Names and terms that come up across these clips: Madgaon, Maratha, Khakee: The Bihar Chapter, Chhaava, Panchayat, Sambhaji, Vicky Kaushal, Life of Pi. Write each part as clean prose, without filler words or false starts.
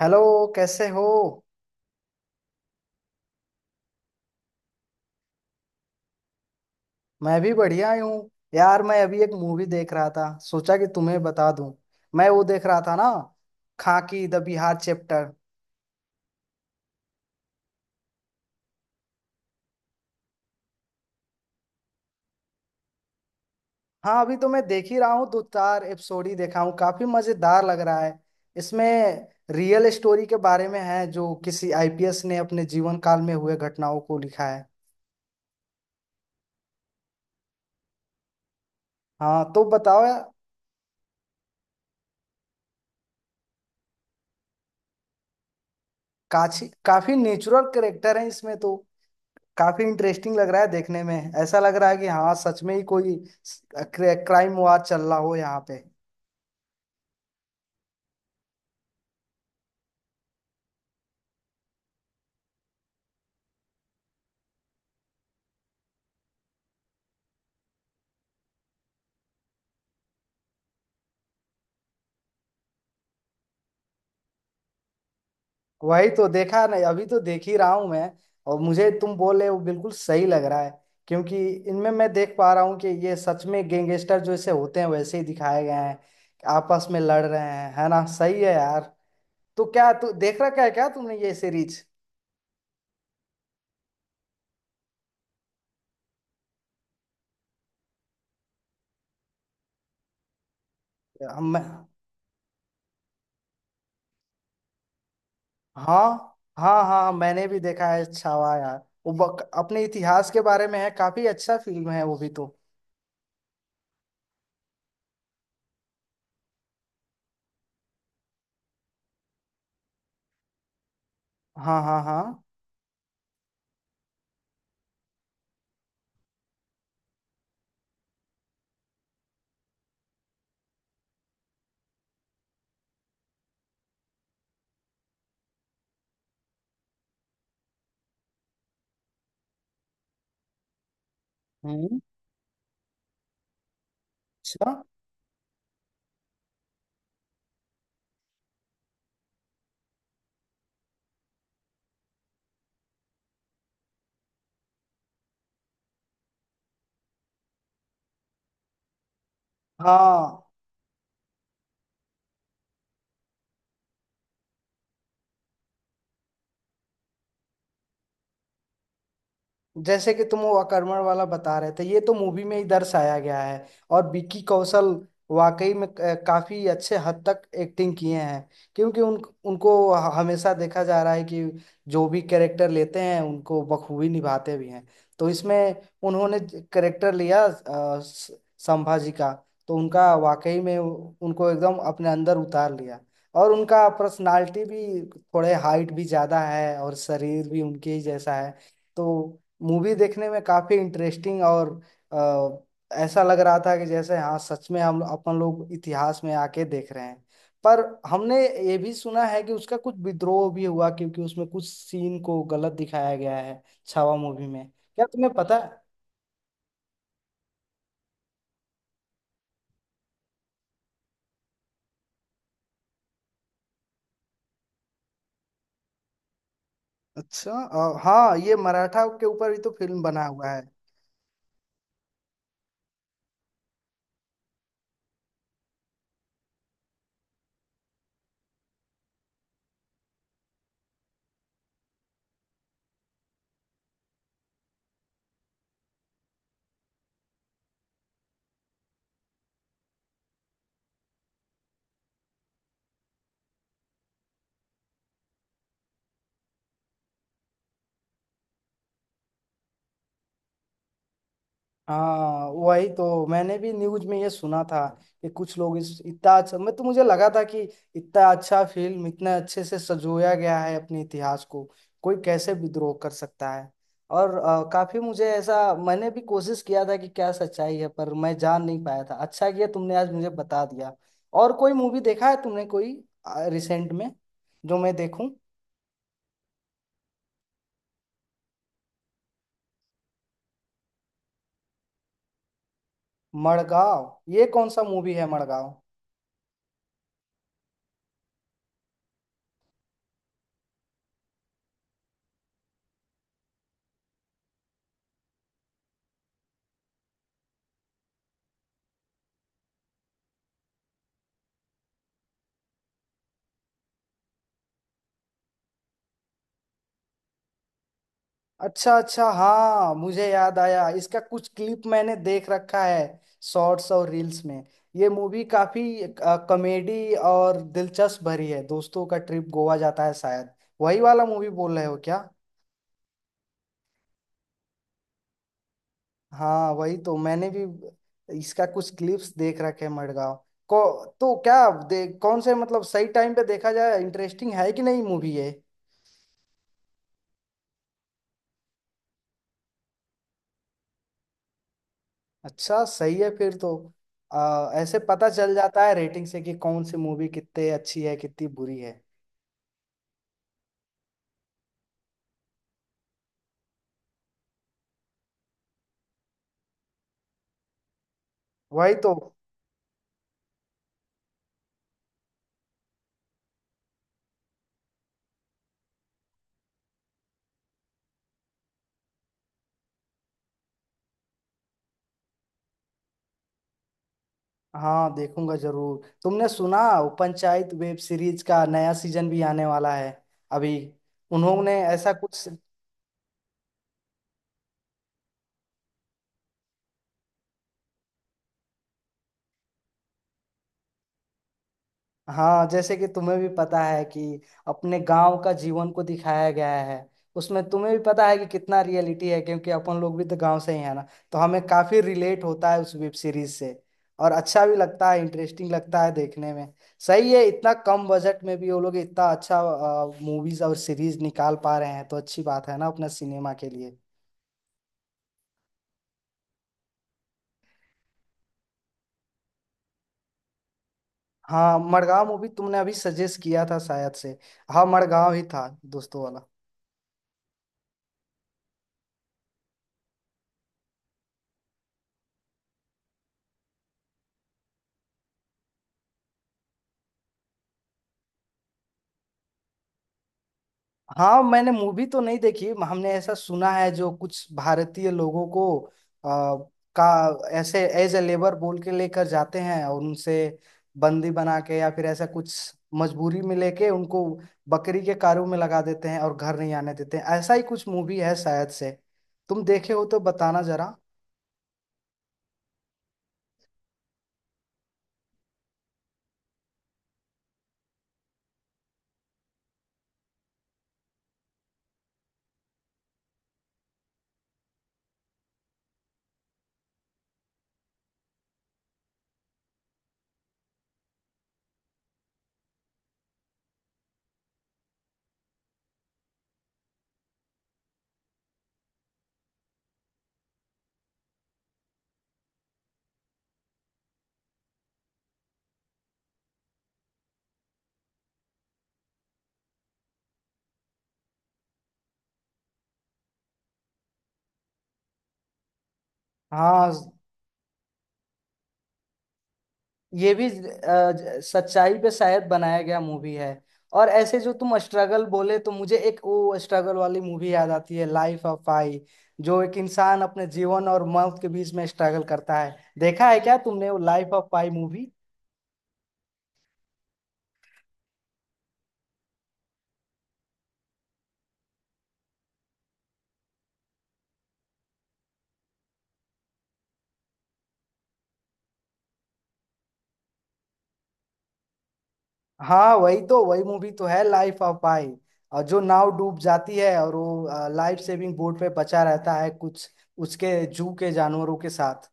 Hello. कैसे हो? मैं भी बढ़िया ही हूँ यार। मैं अभी एक मूवी देख रहा था, सोचा कि तुम्हें बता दूं। मैं वो देख रहा था ना, खाकी द बिहार चैप्टर। हाँ, अभी तो मैं देख ही रहा हूँ, दो चार एपिसोड ही देखा हूँ। काफी मजेदार लग रहा है। इसमें रियल स्टोरी के बारे में है, जो किसी आईपीएस ने अपने जीवन काल में हुए घटनाओं को लिखा है। हाँ, तो बताओ यार। काफी काफी नेचुरल कैरेक्टर है इसमें तो। काफी इंटरेस्टिंग लग रहा है देखने में। ऐसा लग रहा है कि हाँ सच में ही कोई क्राइम वार चल रहा हो यहाँ पे। वही तो देखा नहीं, अभी तो देख ही रहा हूँ मैं। और मुझे तुम बोले वो बिल्कुल सही लग रहा है। क्योंकि इनमें मैं देख पा रहा हूँ कि ये सच में गैंगस्टर जैसे होते हैं वैसे ही दिखाए गए हैं। आपस में लड़ रहे हैं, है ना? सही है यार। तो क्या तू देख रखा है क्या तुमने ये सीरीज? हाँ हाँ हाँ, मैंने भी देखा है छावा यार। वो अपने इतिहास के बारे में है, काफी अच्छा फिल्म है वो भी तो। हाँ हाँ हाँ। हम्म। अच्छा। हाँ, जैसे कि तुम वो अकर्मण वाला बता रहे थे, ये तो मूवी में ही दर्शाया गया है। और विकी कौशल वाकई में काफी अच्छे हद तक एक्टिंग किए हैं। क्योंकि उन उनको हमेशा देखा जा रहा है कि जो भी कैरेक्टर लेते हैं उनको बखूबी निभाते भी हैं। तो इसमें उन्होंने कैरेक्टर लिया संभाजी का। तो उनका वाकई में उनको एकदम अपने अंदर उतार लिया। और उनका पर्सनालिटी भी थोड़े हाइट भी ज्यादा है और शरीर भी उनके ही जैसा है। तो मूवी देखने में काफी इंटरेस्टिंग। और ऐसा लग रहा था कि जैसे हाँ सच में हम अपन लोग इतिहास में आके देख रहे हैं। पर हमने ये भी सुना है कि उसका कुछ विद्रोह भी हुआ, क्योंकि उसमें कुछ सीन को गलत दिखाया गया है छावा मूवी में, क्या तुम्हें पता है? अच्छा। हाँ, ये मराठा के ऊपर भी तो फिल्म बना हुआ है। हाँ वही तो मैंने भी न्यूज में ये सुना था कि कुछ लोग इस इतना अच्छा, मैं तो मुझे लगा था कि इतना अच्छा फिल्म इतना अच्छे से सजोया गया है अपने इतिहास को, कोई कैसे विद्रोह कर सकता है। और काफी मुझे ऐसा मैंने भी कोशिश किया था कि क्या सच्चाई है, पर मैं जान नहीं पाया था। अच्छा किया तुमने आज मुझे बता दिया। और कोई मूवी देखा है तुमने कोई रिसेंट में, जो मैं देखूं? मड़गांव, ये कौन सा मूवी है मड़गांव? अच्छा अच्छा, हाँ मुझे याद आया, इसका कुछ क्लिप मैंने देख रखा है शॉर्ट्स और रील्स में। ये मूवी काफी कॉमेडी और दिलचस्प भरी है, दोस्तों का ट्रिप गोवा जाता है शायद। वही वाला मूवी बोल रहे हो क्या? हाँ वही तो मैंने भी इसका कुछ क्लिप्स देख रखे हैं मडगांव को। तो क्या कौन से मतलब सही टाइम पे देखा जाए? इंटरेस्टिंग है कि नहीं मूवी ये? अच्छा, सही है फिर तो। ऐसे पता चल जाता है रेटिंग से कि कौन सी मूवी कितनी अच्छी है, कितनी बुरी है। वही तो। हाँ देखूंगा जरूर। तुमने सुना वो पंचायत वेब सीरीज का नया सीजन भी आने वाला है अभी, उन्होंने ऐसा कुछ। हाँ, जैसे कि तुम्हें भी पता है कि अपने गांव का जीवन को दिखाया गया है उसमें। तुम्हें भी पता है कि कितना रियलिटी है क्योंकि अपन लोग भी तो गांव से ही है ना। तो हमें काफी रिलेट होता है उस वेब सीरीज से। और अच्छा भी लगता है, इंटरेस्टिंग लगता है देखने में। सही है, इतना कम बजट में भी वो लोग इतना अच्छा मूवीज और सीरीज निकाल पा रहे हैं, तो अच्छी बात है ना अपना सिनेमा के लिए। हाँ मड़गांव मूवी तुमने अभी सजेस्ट किया था शायद से। हाँ मड़गांव ही था दोस्तों वाला। हाँ मैंने मूवी तो नहीं देखी। हमने ऐसा सुना है जो कुछ भारतीय लोगों को आ, का ऐसे एज ए लेबर बोल के लेकर जाते हैं, और उनसे बंदी बना के या फिर ऐसा कुछ मजबूरी में लेके उनको बकरी के कारों में लगा देते हैं और घर नहीं आने देते हैं, ऐसा ही कुछ मूवी है शायद से। तुम देखे हो तो बताना जरा। हाँ, ये भी सच्चाई पे शायद बनाया गया मूवी है। और ऐसे जो तुम स्ट्रगल बोले तो मुझे एक वो स्ट्रगल वाली मूवी याद आती है, लाइफ ऑफ पाई। जो एक इंसान अपने जीवन और मौत के बीच में स्ट्रगल करता है, देखा है क्या तुमने वो लाइफ ऑफ पाई मूवी? हाँ वही तो, वही मूवी तो है लाइफ ऑफ पाई। और जो नाव डूब जाती है और वो लाइफ सेविंग बोट पे बचा रहता है कुछ, उसके जू के जानवरों के साथ।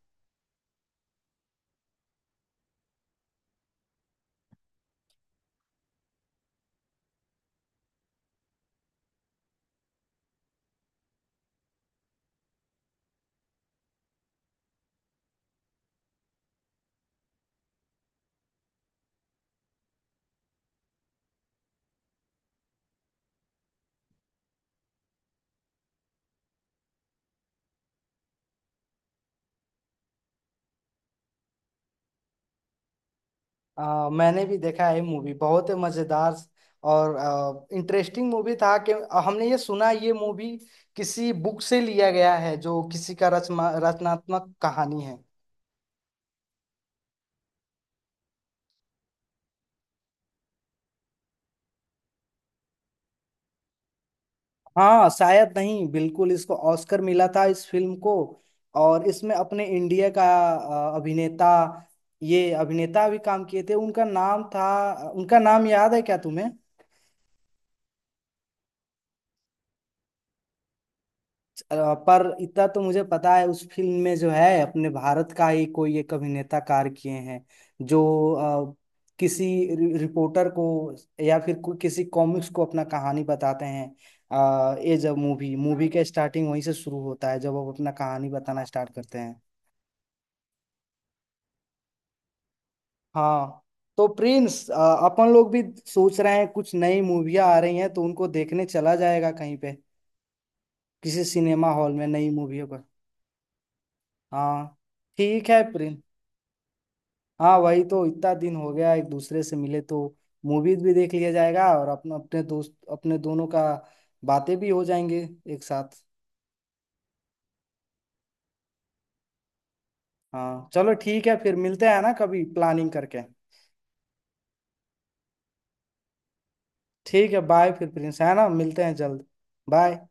मैंने भी देखा है मूवी। बहुत मजेदार और इंटरेस्टिंग मूवी था कि हमने ये सुना ये मूवी किसी बुक से लिया गया है, जो किसी का रचनात्मक कहानी है। हाँ शायद नहीं, बिल्कुल इसको ऑस्कर मिला था इस फिल्म को। और इसमें अपने इंडिया का अभिनेता, ये अभिनेता भी काम किए थे। उनका नाम था, उनका नाम याद है क्या तुम्हें? अ, पर इतना तो मुझे पता है उस फिल्म में जो है अपने भारत का ही कोई एक अभिनेता कार्य किए हैं, जो अ, किसी रिपोर्टर को या फिर किसी कॉमिक्स को अपना कहानी बताते हैं। ये जब मूवी मूवी का स्टार्टिंग वहीं से शुरू होता है जब वो अपना कहानी बताना स्टार्ट करते हैं। हाँ। तो प्रिंस, अपन लोग भी सोच रहे हैं कुछ नई मूवियाँ आ रही हैं तो उनको देखने चला जाएगा कहीं पे, किसी सिनेमा हॉल में नई मूवियों पर। हाँ, ठीक है प्रिंस। हाँ वही तो, इतना दिन हो गया एक दूसरे से मिले तो। मूवीज भी देख लिया जाएगा और अपना अपने दोस्त अपने दोनों का बातें भी हो जाएंगे एक साथ। हाँ चलो, ठीक है फिर मिलते हैं ना कभी प्लानिंग करके। ठीक है, बाय फिर प्रिंस, है ना, मिलते हैं जल्द। बाय।